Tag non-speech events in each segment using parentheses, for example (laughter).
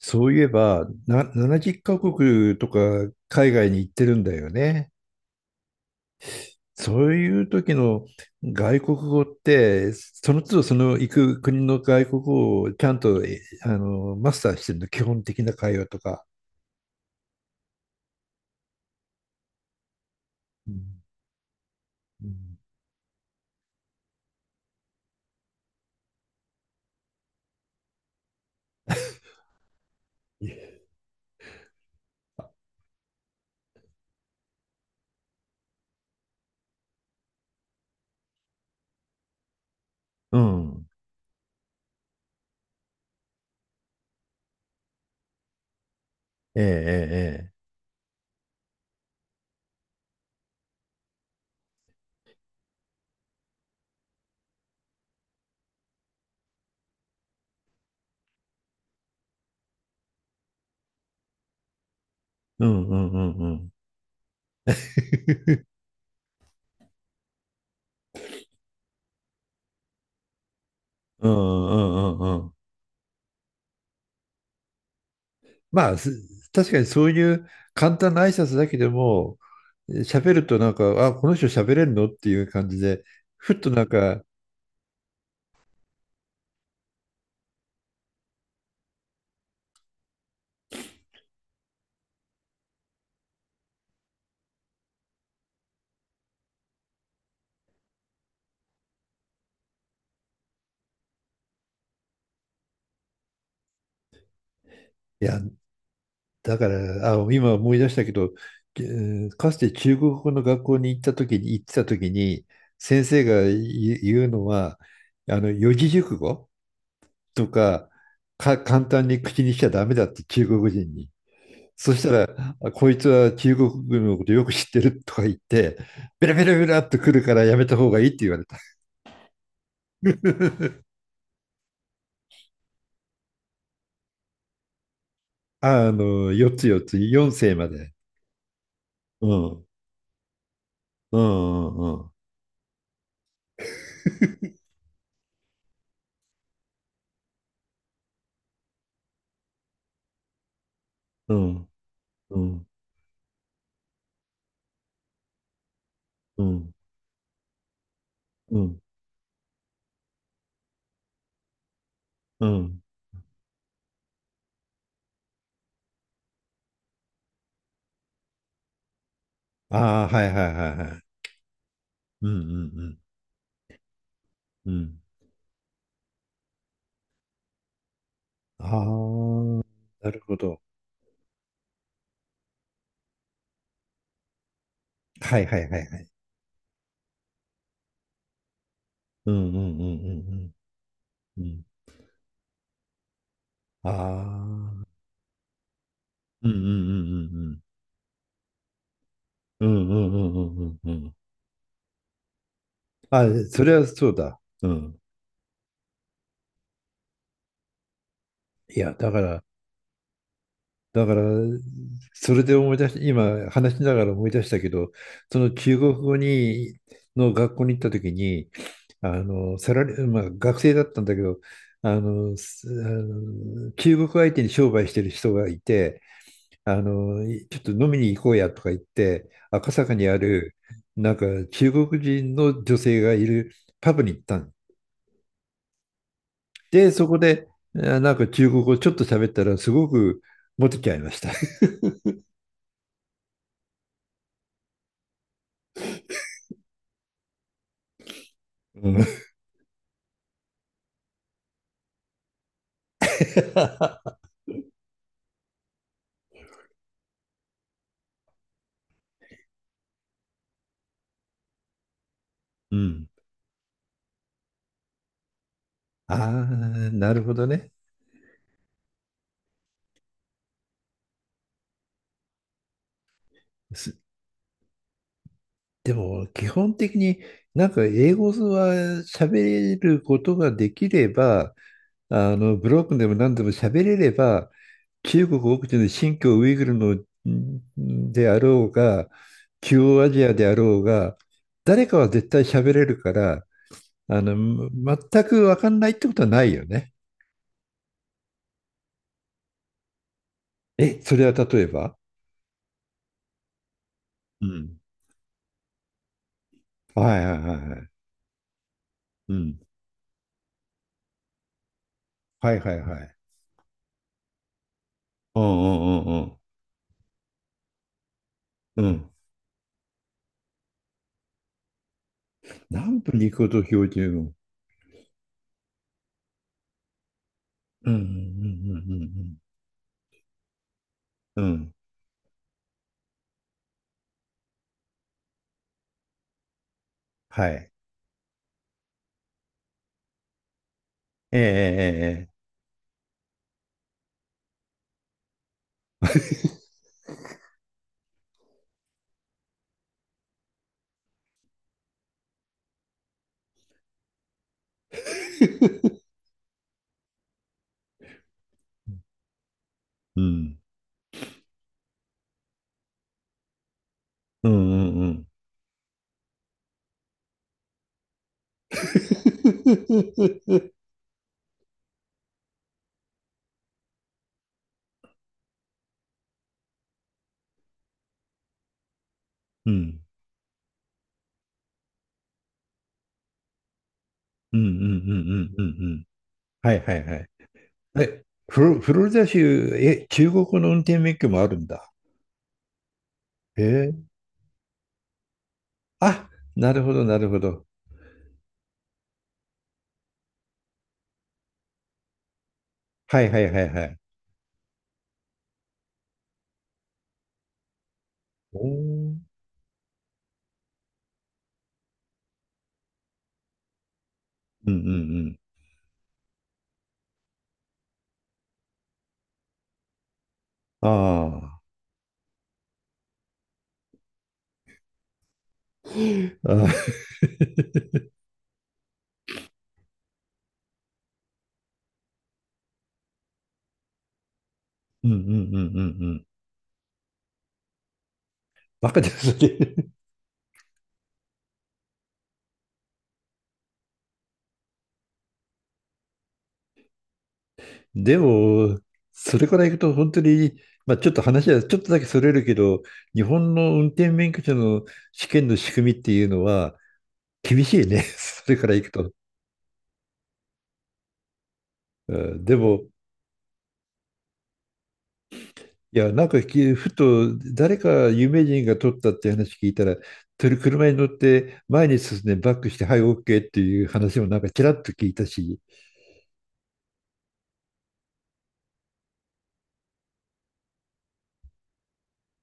そういえば、70カ国とか海外に行ってるんだよね。そういう時の外国語って、その都度その行く国の外国語をちゃんと、えあの、マスターしてるの？基本的な会話とか。うんうんえうん。ええ、ええ、ええ、うんうんうんうん。(laughs) うんうんうんうん。まあ、す確かにそういう簡単な挨拶だけでも、喋るとなんか、あ、この人喋れるのっていう感じで、ふっとなんか。いや、だから、あ、今思い出したけど、かつて中国語の学校に行った時に、先生が言うのは、あの、四字熟語とか、簡単に口にしちゃダメだって中国人に。そしたら、あこいつは中国軍のことよく知ってるとか言って、ベラベラベラっと来るからやめた方がいいって言われた。(laughs) あの、4つ、4つ、4世まで。うん、うん、うんうん、うん、うん、うん、うん。ああ、はいはいはいはい。うん、うん、うん、うん。ああ、なるほど。はいはいはいはい。うん、うん、うん、うん、うん。うん、ああ、うん、うん、うん、うん、うん、うん、うん、うん、うん。うん、あ、それはそうだ。うん。いや、だから、だから、それで思い出し、今話しながら思い出したけど、その中国語の学校に行った時に、あの、サラリー、まあ学生だったんだけど、あの、あの中国相手に商売してる人がいて、あの、ちょっと飲みに行こうやとか言って、赤坂にある、なんか中国人の女性がいるパブに行ったんで、そこで、あなんか中国語ちょっと喋ったら、すごくモテちゃいました。(laughs) うん。 (laughs) うん。(laughs) ああ、なるほどね。すでも、基本的になんか英語は喋ることができれば、あの、ブロックでも何でも喋れれば、中国奥地の新疆ウイグルのんであろうが、中央アジアであろうが、誰かは絶対喋れるから、あの、全く分かんないってことはないよね。え、それは例えば、うん。はいはいはいはい。うん。はいはいはい。うんうんうんうん。うん。南部に行くこと標準語。うんうんうんうんうんうん。うん。はい。ええええええ。うん。うんうんうん。うん。うんうんうんうんうんうん。はいはいはい。え、フロリダ州、え、中国の運転免許もあるんだ。へえ。あ、なるほどなるほど。はいはいはいはい。おー、うんうんうん。ああ。あー。 (laughs) うんうんうんうんうん。バカですね。でも、それからいくと本当に、まあ、ちょっと話はちょっとだけそれるけど、日本の運転免許証の試験の仕組みっていうのは厳しいね、(laughs) それからいくと。うん、でも、いや、なんかふと誰か有名人が取ったって話聞いたら、とり車に乗って前に進んでバックして、はい、OK っていう話もなんかちらっと聞いたし。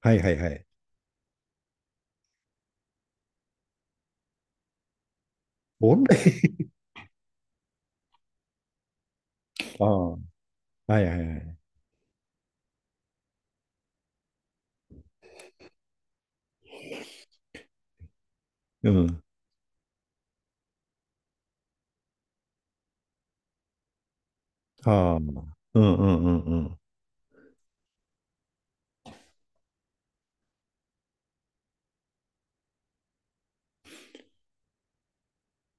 はいはいはい。オンライン。ああ、はいはいはい。うん。はあ。うんうんうんうん。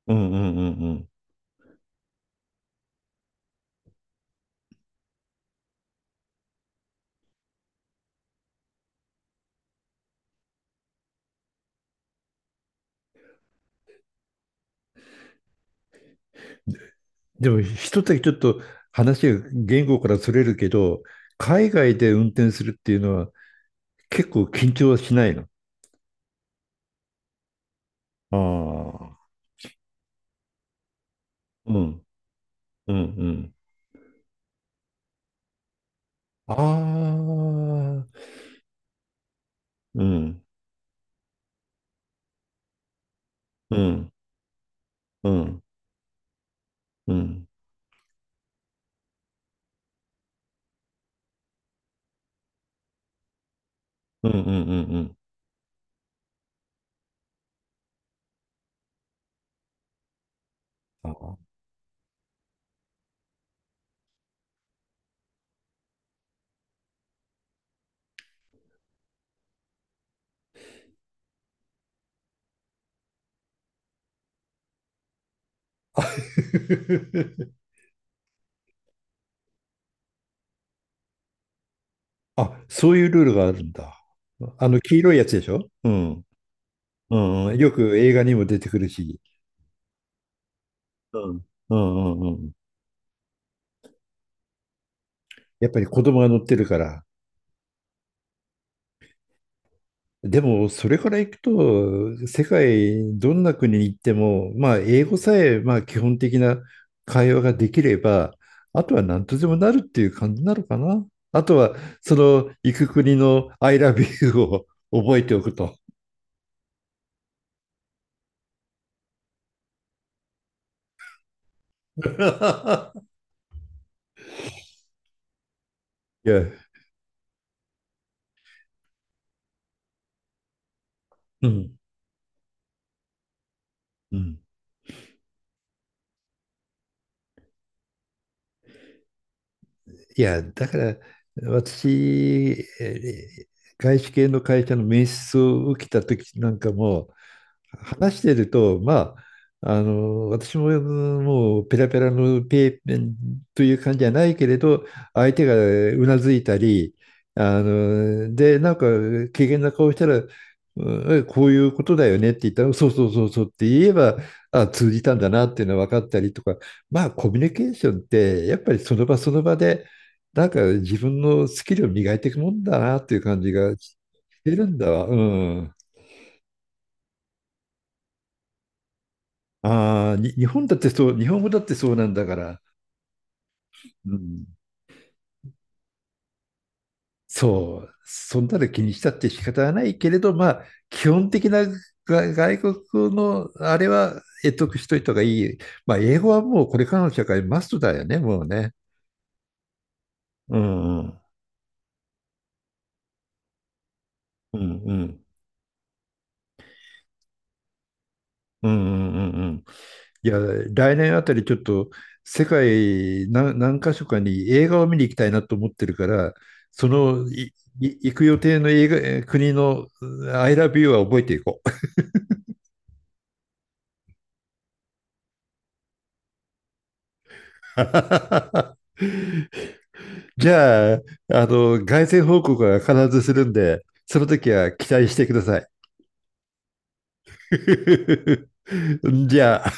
うんうんうんうん。でも一つだけちょっと話が言語からそれるけど、海外で運転するっていうのは結構緊張はしないの？ああ、うん、うん、うん。ああ、うん、うん、うん、うん、うん、うん、うんうん。あー。 (laughs) あ、そういうルールがあるんだ。あの黄色いやつでしょ？うん、うん、うん。よく映画にも出てくるし。うん、うん、うん、うん。やっぱり子供が乗ってるから。でも、それから行くと、世界どんな国に行っても、まあ、英語さえ、まあ、基本的な会話ができれば、あとは何とでもなるっていう感じなのかな。あとは、その行く国の I love you を覚えておくと。(laughs) いや、うん、うん。いや、だから、私、えー外資系の会社の面接を受けた時なんかも、話してると、まあ、あの、私も、もうペラペラのペーペンという感じじゃないけれど、相手がうなずいたり、あの、で、なんか、怪げな顔したら、うんえこういうことだよねって言ったら、そうそうそうそうって言えば、あ、通じたんだなっていうのは分かったりとか、まあ、コミュニケーションって、やっぱりその場その場で、なんか自分のスキルを磨いていくもんだなっていう感じがしてるんだわ。うん。ああ、日本だってそう、日本語だってそうなんだから、うん、そう、そんなの気にしたって仕方はないけれど、まあ、基本的な外国のあれは得しといた方がいい。まあ、英語はもうこれからの社会マストだよね、もうね。うんうん。うんうんうんうんうんうん。いや、来年あたりちょっと世界何箇所かに映画を見に行きたいなと思ってるから、その行く予定の映画国のI love you は覚えていこう。(laughs) じゃあ、あの、凱旋報告は必ずするんで、その時は期待してください。(laughs) じゃあ。